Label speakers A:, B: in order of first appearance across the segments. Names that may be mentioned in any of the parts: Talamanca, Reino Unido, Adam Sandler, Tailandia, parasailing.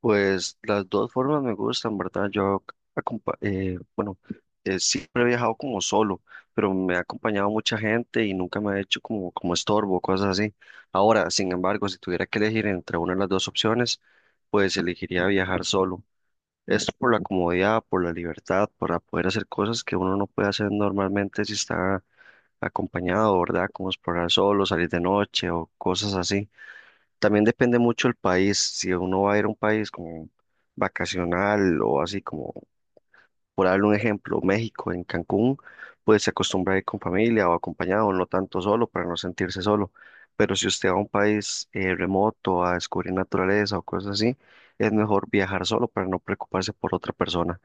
A: Pues las dos formas me gustan, ¿verdad? Acompa- eh, bueno, Siempre he viajado como solo, pero me ha acompañado mucha gente y nunca me ha hecho como estorbo, cosas así. Ahora, sin embargo, si tuviera que elegir entre una de las dos opciones, pues elegiría viajar solo. Esto por la comodidad, por la libertad, para poder hacer cosas que uno no puede hacer normalmente si está acompañado, ¿verdad? Como explorar solo, salir de noche o cosas así. También depende mucho el país. Si uno va a ir a un país como vacacional o así como, por darle un ejemplo, México, en Cancún, pues se acostumbra a ir con familia o acompañado, no tanto solo para no sentirse solo. Pero si usted va a un país remoto a descubrir naturaleza o cosas así, es mejor viajar solo para no preocuparse por otra persona.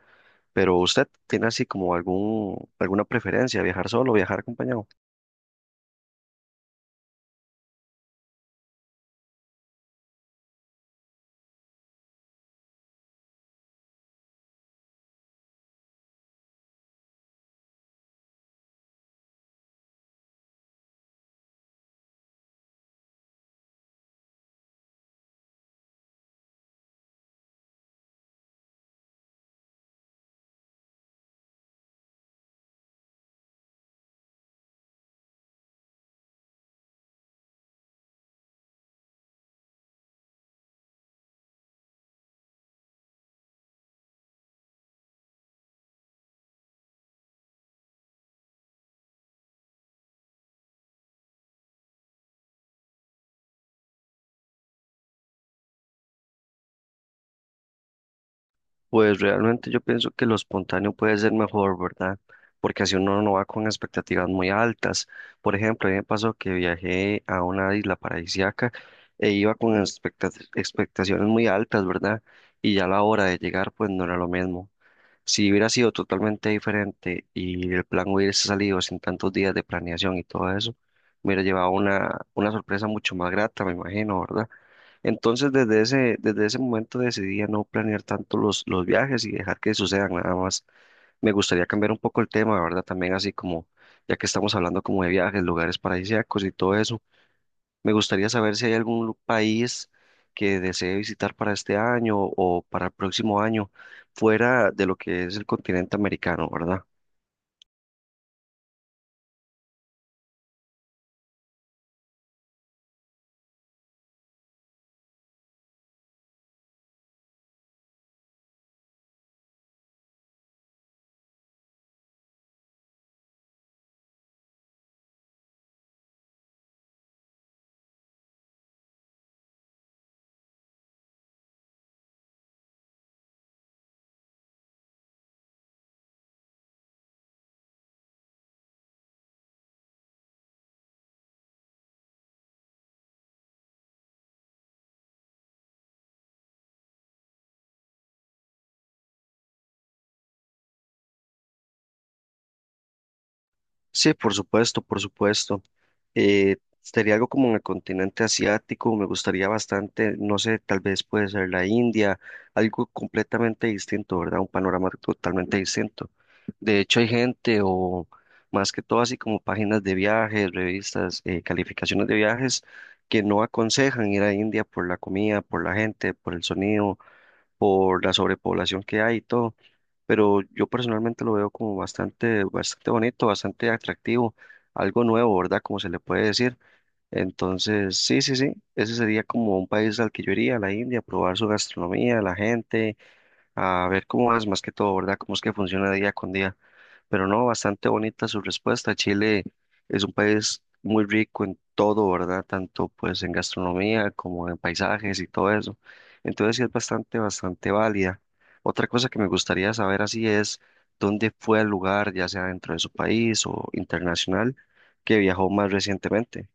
A: Pero usted tiene así como alguna preferencia, ¿viajar solo o viajar acompañado? Pues realmente yo pienso que lo espontáneo puede ser mejor, ¿verdad? Porque así uno no va con expectativas muy altas. Por ejemplo, a mí me pasó que viajé a una isla paradisíaca e iba con expectaciones muy altas, ¿verdad? Y ya a la hora de llegar, pues no era lo mismo. Si hubiera sido totalmente diferente y el plan hubiese salido sin tantos días de planeación y todo eso, me hubiera llevado una sorpresa mucho más grata, me imagino, ¿verdad? Entonces, desde ese momento decidí a no planear tanto los viajes y dejar que sucedan nada más. Me gustaría cambiar un poco el tema, ¿verdad? También así como, ya que estamos hablando como de viajes, lugares paradisíacos y todo eso, me gustaría saber si hay país que desee visitar para este año o para el próximo año, fuera de lo que es el continente americano, ¿verdad? Sí, por supuesto, por supuesto. Sería algo como en el continente asiático, me gustaría bastante, no sé, tal vez puede ser la India, algo completamente distinto, ¿verdad? Un panorama totalmente distinto. De hecho, hay gente o más que todo así como páginas de viajes, revistas, calificaciones de viajes que no aconsejan ir a India por la comida, por la gente, por el sonido, por la sobrepoblación que hay y todo. Pero yo personalmente lo veo como bastante, bastante bonito, bastante atractivo, algo nuevo, ¿verdad? Como se le puede decir. Entonces, sí, sí, sí, ese sería como un país al que yo iría, la India, a probar su gastronomía, la gente, a ver cómo es más que todo, ¿verdad? Cómo es que funciona día con día. Pero no, bastante bonita su respuesta. Chile es un país muy rico en todo, ¿verdad? Tanto pues en gastronomía como en paisajes y todo eso. Entonces sí es bastante, bastante válida. Otra cosa que me gustaría saber así es dónde fue el lugar, ya sea dentro de su país o internacional, que viajó más recientemente.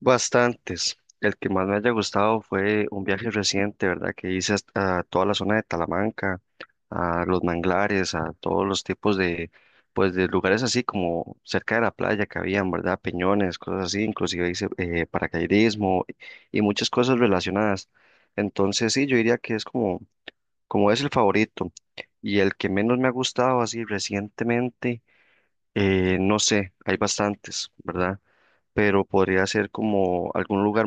A: Bastantes. El que más me haya gustado fue un viaje reciente, ¿verdad? Que hice a toda la zona de Talamanca, a los manglares, a todos los tipos de, pues, de lugares así como cerca de la playa que habían, ¿verdad? Peñones, cosas así, inclusive hice paracaidismo y muchas cosas relacionadas. Entonces, sí, yo diría que es como, como es el favorito. Y el que menos me ha gustado así recientemente, no sé, hay bastantes, ¿verdad? Pero podría ser como algún lugar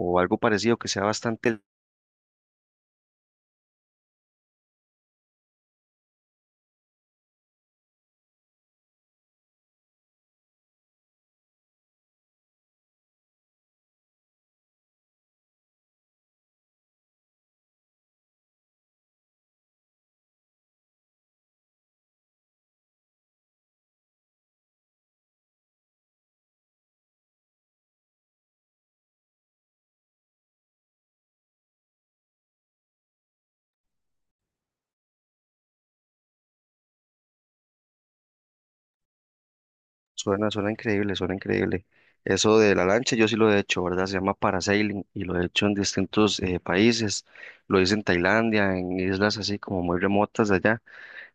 A: o algo parecido que sea bastante, suena, suena increíble, suena increíble. Eso de la lancha yo sí lo he hecho, ¿verdad? Se llama parasailing y lo he hecho en distintos países, lo hice en Tailandia, en islas así como muy remotas de allá,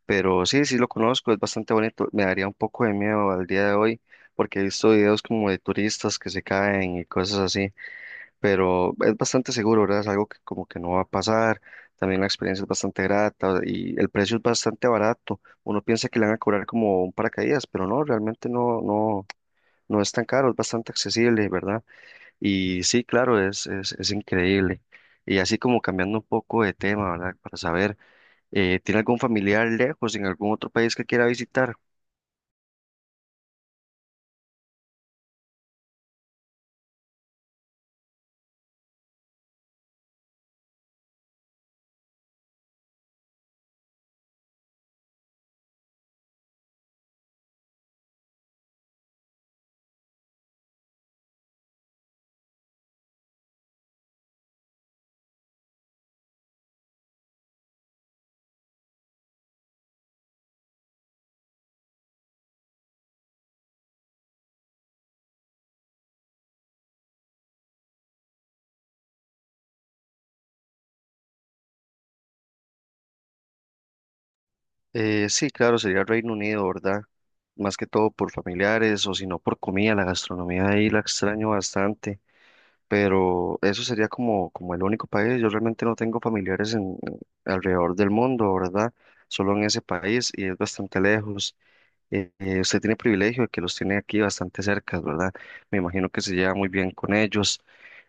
A: pero sí, sí lo conozco, es bastante bonito, me daría un poco de miedo al día de hoy porque he visto videos como de turistas que se caen y cosas así, pero es bastante seguro, ¿verdad? Es algo que como que no va a pasar, también la experiencia es bastante grata y el precio es bastante barato. Uno piensa que le van a cobrar como un paracaídas, pero no, realmente no, no, no es tan caro, es bastante accesible, ¿verdad? Y sí, claro, es increíble. Y así como cambiando un poco de tema, ¿verdad? Para saber, ¿tiene algún familiar lejos en algún otro país que quiera visitar? Sí, claro, sería Reino Unido, ¿verdad? Más que todo por familiares o si no por comida, la gastronomía ahí la extraño bastante. Pero eso sería como, como el único país. Yo realmente no tengo familiares en, alrededor del mundo, ¿verdad? Solo en ese país y es bastante lejos. Usted tiene privilegio de que los tiene aquí bastante cerca, ¿verdad? Me imagino que se lleva muy bien con ellos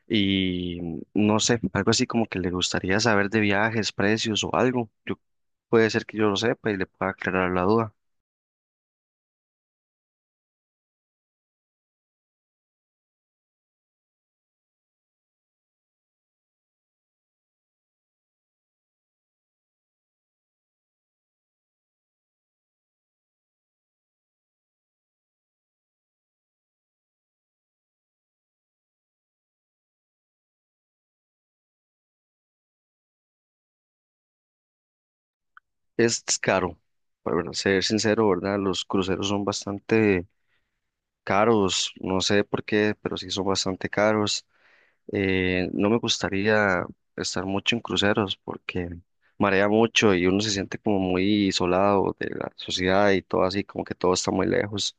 A: y mm, no sé, algo así como que le gustaría saber de viajes, precios o algo. Yo, puede ser que yo lo sepa y le pueda aclarar la duda. Es caro, para ser sincero, ¿verdad? Los cruceros son bastante caros, no sé por qué, pero sí son bastante caros. No me gustaría estar mucho en cruceros porque marea mucho y uno se siente como muy isolado de la sociedad y todo así, como que todo está muy lejos.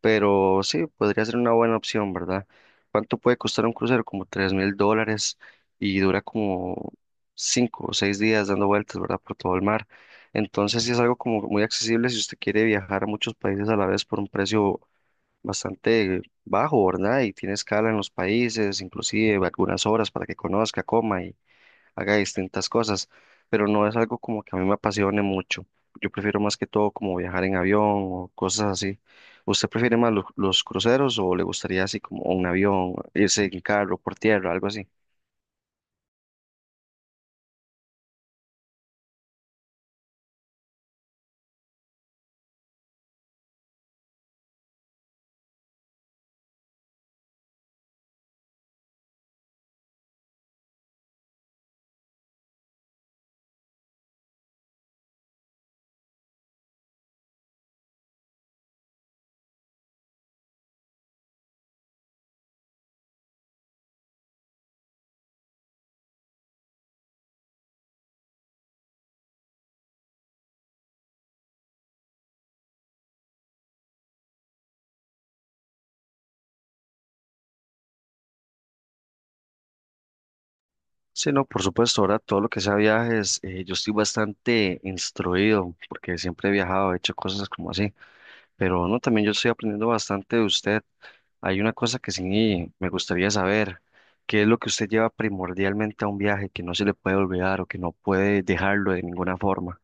A: Pero sí, podría ser una buena opción, ¿verdad? ¿Cuánto puede costar un crucero? Como $3000 y dura como cinco o seis días dando vueltas, ¿verdad? Por todo el mar. Entonces sí es algo como muy accesible si usted quiere viajar a muchos países a la vez por un precio bastante bajo, ¿verdad? Y tiene escala en los países, inclusive algunas horas para que conozca, coma y haga distintas cosas, pero no es algo como que a mí me apasione mucho. Yo prefiero más que todo como viajar en avión o cosas así. ¿Usted prefiere más los cruceros o le gustaría así como un avión, irse en carro, por tierra, algo así? Sí, no, por supuesto, ahora todo lo que sea viajes, yo estoy bastante instruido porque siempre he viajado, he hecho cosas como así, pero no, también yo estoy aprendiendo bastante de usted. Hay una cosa que sí me gustaría saber, ¿qué es lo que usted lleva primordialmente a un viaje que no se le puede olvidar o que no puede dejarlo de ninguna forma?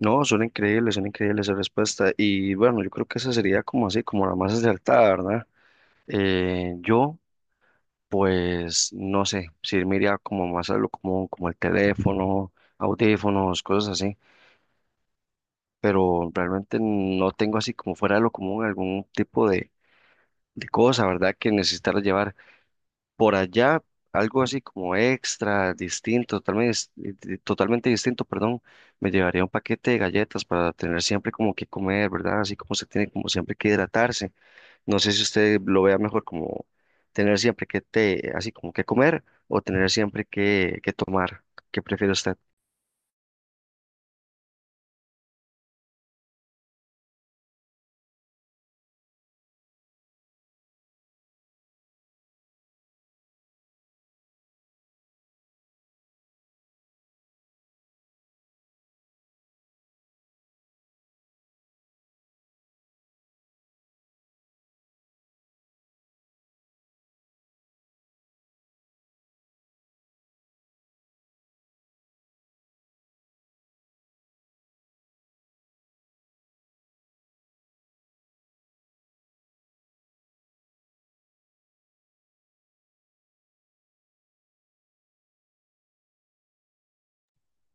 A: No, son increíbles esa respuesta. Y bueno, yo creo que esa sería como así, como la más acertada, ¿verdad? Eh, yo, pues, no sé, si me iría como más a lo común, como el teléfono, audífonos, cosas así, pero realmente no tengo así como fuera de lo común algún tipo de cosa, ¿verdad? Que necesitar llevar. Por allá algo así como extra, distinto, totalmente, totalmente distinto, perdón, me llevaría un paquete de galletas para tener siempre como que comer, ¿verdad? Así como se tiene como siempre que hidratarse. No sé si usted lo vea mejor como tener siempre que te, así como que comer o tener siempre que tomar. ¿Qué prefiere usted?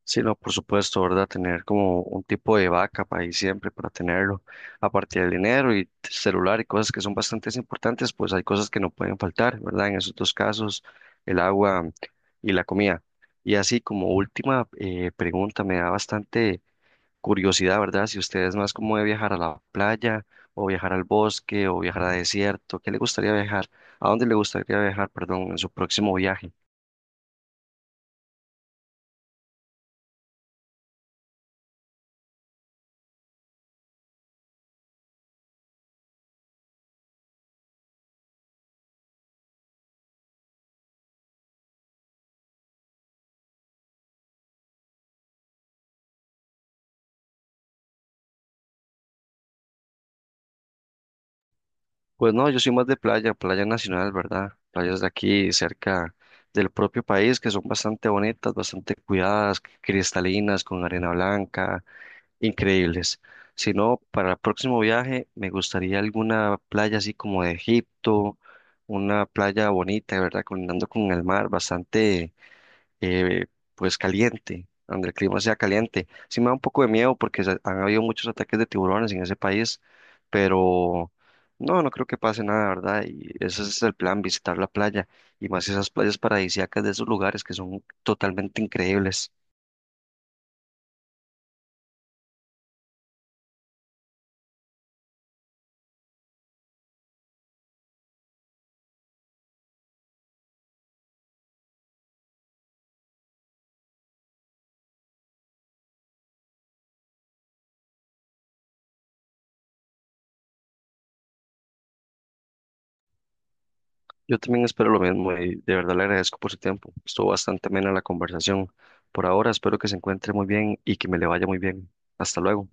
A: Sí, no, por supuesto, ¿verdad? Tener como un tipo de vaca para ahí siempre, para tenerlo. Aparte del dinero y celular y cosas que son bastante importantes, pues hay cosas que no pueden faltar, ¿verdad? En esos dos casos, el agua y la comida. Y así como última pregunta, me da bastante curiosidad, ¿verdad? Si usted es más como de viajar a la playa o viajar al bosque o viajar a desierto, ¿qué le gustaría viajar? ¿A dónde le gustaría viajar, perdón, en su próximo viaje? Pues no, yo soy más de playa, playa nacional, ¿verdad? Playas de aquí, cerca del propio país, que son bastante bonitas, bastante cuidadas, cristalinas, con arena blanca, increíbles. Si no, para el próximo viaje me gustaría alguna playa así como de Egipto, una playa bonita, ¿verdad? Colindando con el mar, bastante eh, pues caliente, donde el clima sea caliente. Sí me da un poco de miedo porque han habido muchos ataques de tiburones en ese país, pero no, no creo que pase nada, ¿verdad? Y ese es el plan, visitar la playa y más esas playas paradisíacas de esos lugares que son totalmente increíbles. Yo también espero lo mismo y de verdad le agradezco por su tiempo. Estuvo bastante amena la conversación. Por ahora espero que se encuentre muy bien y que me le vaya muy bien. Hasta luego.